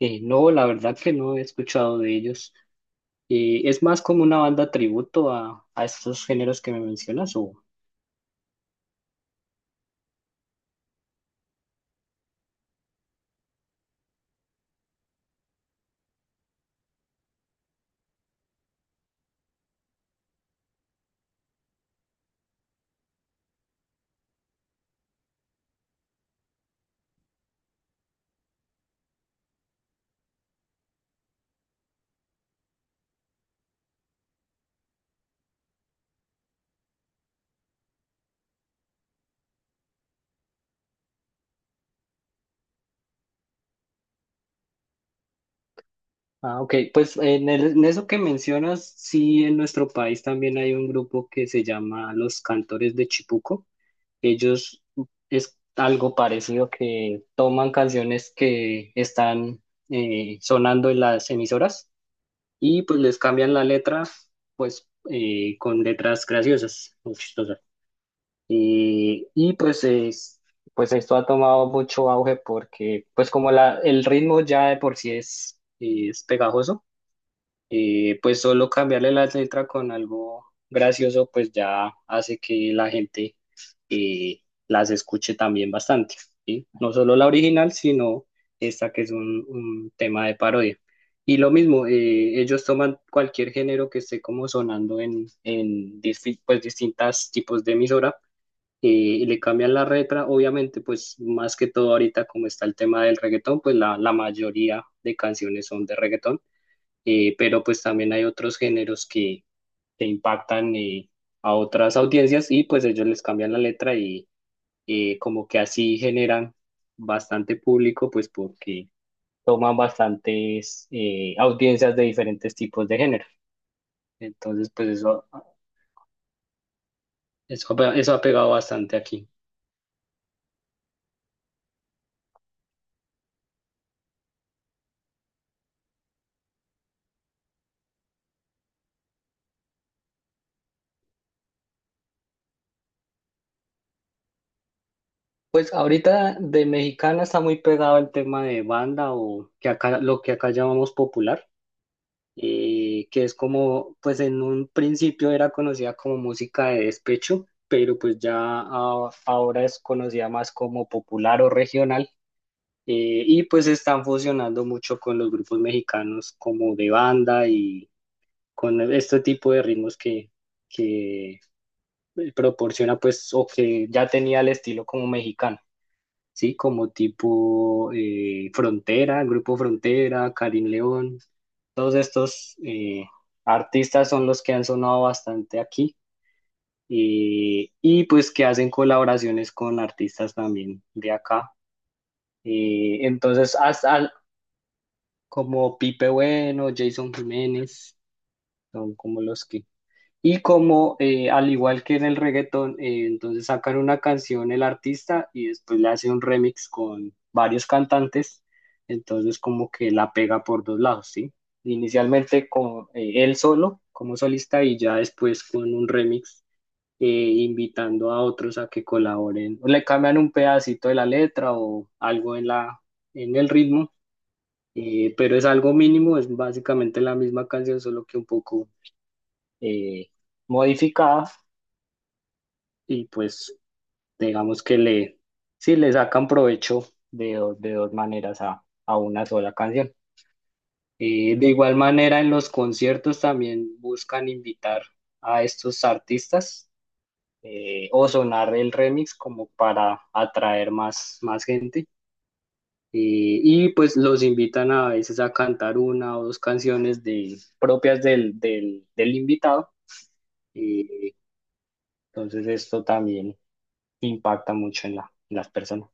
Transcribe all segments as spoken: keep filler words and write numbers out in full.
Eh, no, la verdad que no he escuchado de ellos. Eh, ¿es más como una banda tributo a, a estos géneros que me mencionas? O... Ah, ok, pues en, el- en eso que mencionas, sí, en nuestro país también hay un grupo que se llama Los Cantores de Chipuco. Ellos es algo parecido, que toman canciones que están eh, sonando en las emisoras y pues les cambian la letra, pues eh, con letras graciosas, muy chistosas. Y, y pues, es- pues esto ha tomado mucho auge porque pues como la, el ritmo ya de por sí es, es pegajoso, eh, pues solo cambiarle la letra con algo gracioso pues ya hace que la gente eh, las escuche también bastante, ¿sí? No solo la original, sino esta que es un, un tema de parodia. Y lo mismo, eh, ellos toman cualquier género que esté como sonando en, en disti- pues distintas tipos de emisora y, y le cambian la letra, obviamente, pues más que todo ahorita como está el tema del reggaetón, pues la, la mayoría de canciones son de reggaetón, eh, pero pues también hay otros géneros que, que impactan, eh, a otras audiencias y pues ellos les cambian la letra y eh, como que así generan bastante público, pues porque toman bastantes eh, audiencias de diferentes tipos de género. Entonces, pues eso, eso, eso ha pegado bastante aquí. Pues ahorita de mexicana está muy pegado el tema de banda, o que acá, lo que acá llamamos popular, eh, que es como, pues en un principio era conocida como música de despecho, pero pues ya a- ahora es conocida más como popular o regional, eh, y pues están fusionando mucho con los grupos mexicanos como de banda y con este tipo de ritmos que, que proporciona pues, o que ya tenía el estilo como mexicano. ¿Sí? Como tipo eh, Frontera, el Grupo Frontera, Karim León, todos estos eh, artistas son los que han sonado bastante aquí, eh, y pues que hacen colaboraciones con artistas también de acá. Eh, entonces, hasta como Pipe Bueno, Jason Jiménez, son como los que. Y como eh, al igual que en el reggaetón, eh, entonces sacan una canción el artista y después le hace un remix con varios cantantes, entonces como que la pega por dos lados, ¿sí? Inicialmente con eh, él solo como solista, y ya después con un remix eh, invitando a otros a que colaboren, o le cambian un pedacito de la letra o algo en la, en el ritmo, eh, pero es algo mínimo, es básicamente la misma canción, solo que un poco... eh, modificada, y pues digamos que le, sí le sacan provecho de, dos- de dos maneras a, a una sola canción. Eh, de igual manera, en los conciertos también buscan invitar a estos artistas, eh, o sonar el remix como para atraer más, más gente. Eh, y pues los invitan a veces a cantar una o dos canciones de, propias del, del, del invitado. eh, entonces esto también impacta mucho en la, en las personas.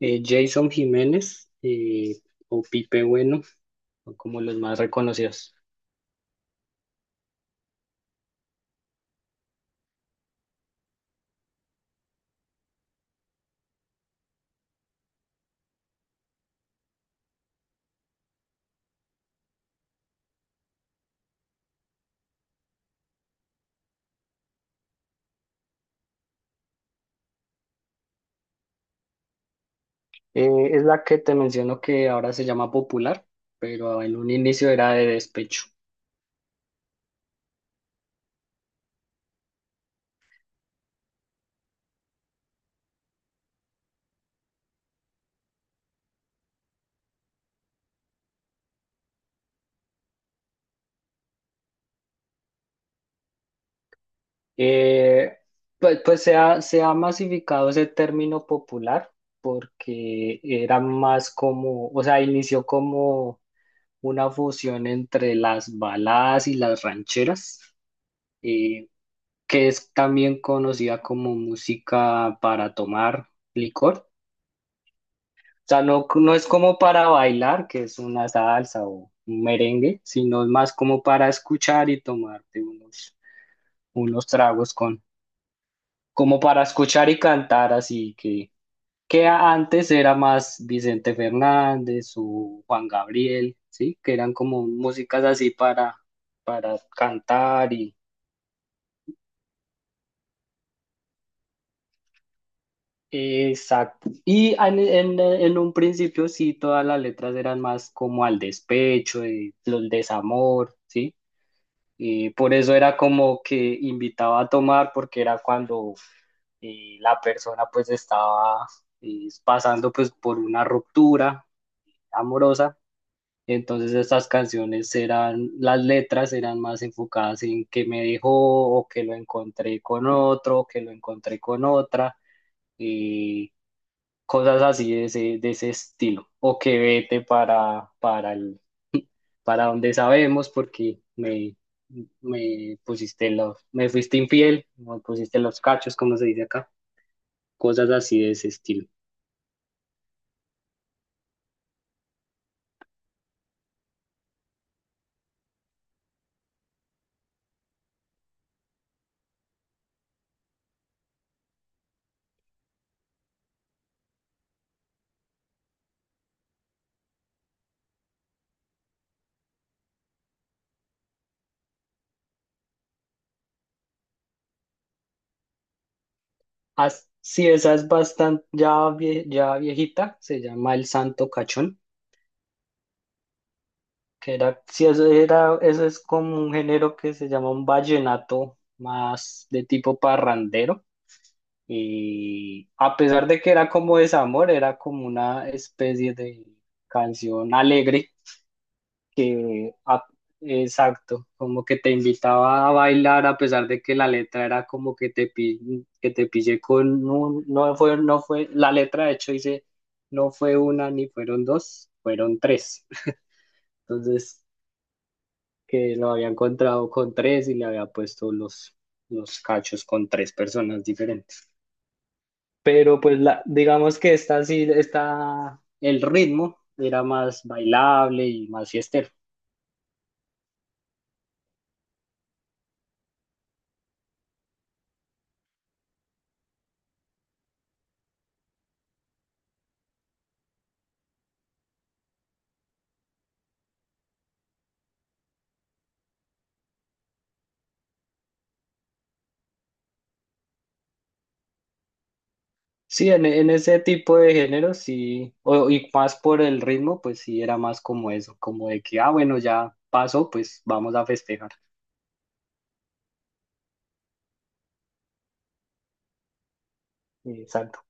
Eh, Jason Jiménez, eh, o Pipe Bueno, son como los más reconocidos. Eh, es la que te menciono que ahora se llama Popular, pero en un inicio era de despecho. Eh, pues, pues se ha, se ha masificado ese término popular, porque era más como, o sea, inició como una fusión entre las baladas y las rancheras, eh, que es también conocida como música para tomar licor. Sea, no, no es como para bailar, que es una salsa o un merengue, sino es más como para escuchar y tomarte unos, unos tragos con, como para escuchar y cantar, así que, que a- antes era más Vicente Fernández o Juan Gabriel, ¿sí? Que eran como músicas así para, para cantar y... Exacto. Y en, en- en un principio sí, todas las letras eran más como al despecho, eh, el, desamor, ¿sí? Y por eso era como que invitaba a tomar, porque era cuando eh, la persona pues estaba eh, pasando pues por una ruptura amorosa. Entonces estas canciones eran, las letras eran más enfocadas en que me dejó, o que lo encontré con otro, o que lo encontré con otra, eh, cosas así de ese, de ese estilo, o que vete para, para el, para donde sabemos, porque me, me pusiste los, me fuiste infiel, me pusiste los cachos, como se dice acá, cosas así de ese estilo. As- sí, esa es bastante, ya, vie- ya viejita, se llama El Santo Cachón, que era, sí, eso era, eso es como un género que se llama un vallenato más de tipo parrandero. Y a pesar de que era como desamor, era como una especie de canción alegre que, a- exacto, como que te invitaba a bailar, a pesar de que la letra era como que te, pi- que te pillé con un- no fue, no fue, la letra de hecho dice, no fue una ni fueron dos, fueron tres. Entonces, que lo había encontrado con tres y le había puesto los, los cachos con tres personas diferentes. Pero pues la, digamos que esta sí, está el ritmo era más bailable y más fiestero. Sí, en, en ese tipo de género sí, o- y más por el ritmo, pues sí era más como eso, como de que, ah, bueno, ya pasó, pues vamos a festejar. Exacto.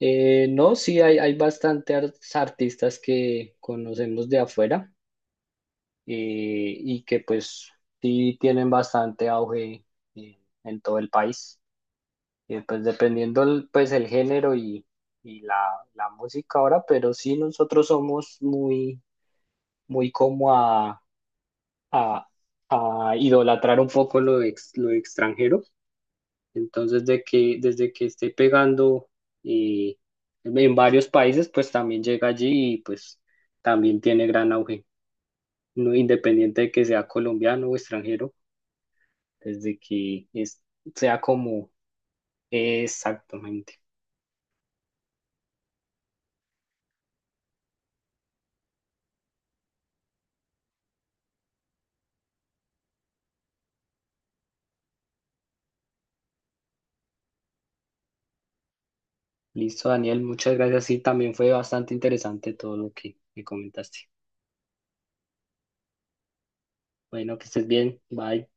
Eh, no, sí, hay, hay bastante ar- artistas que conocemos de afuera, eh, y que pues sí tienen bastante auge eh, en todo el país. Eh, pues dependiendo el, pues el género y, y la, la música ahora, pero sí nosotros somos muy, muy como a, a idolatrar un poco lo, ex- lo extranjero. Entonces, de que, desde que esté pegando eh, en varios países, pues también llega allí y pues también tiene gran auge, no, independiente de que sea colombiano o extranjero, desde que es, sea como exactamente. Listo, Daniel, muchas gracias. Sí, también fue bastante interesante todo lo que me comentaste. Bueno, que estés bien. Bye.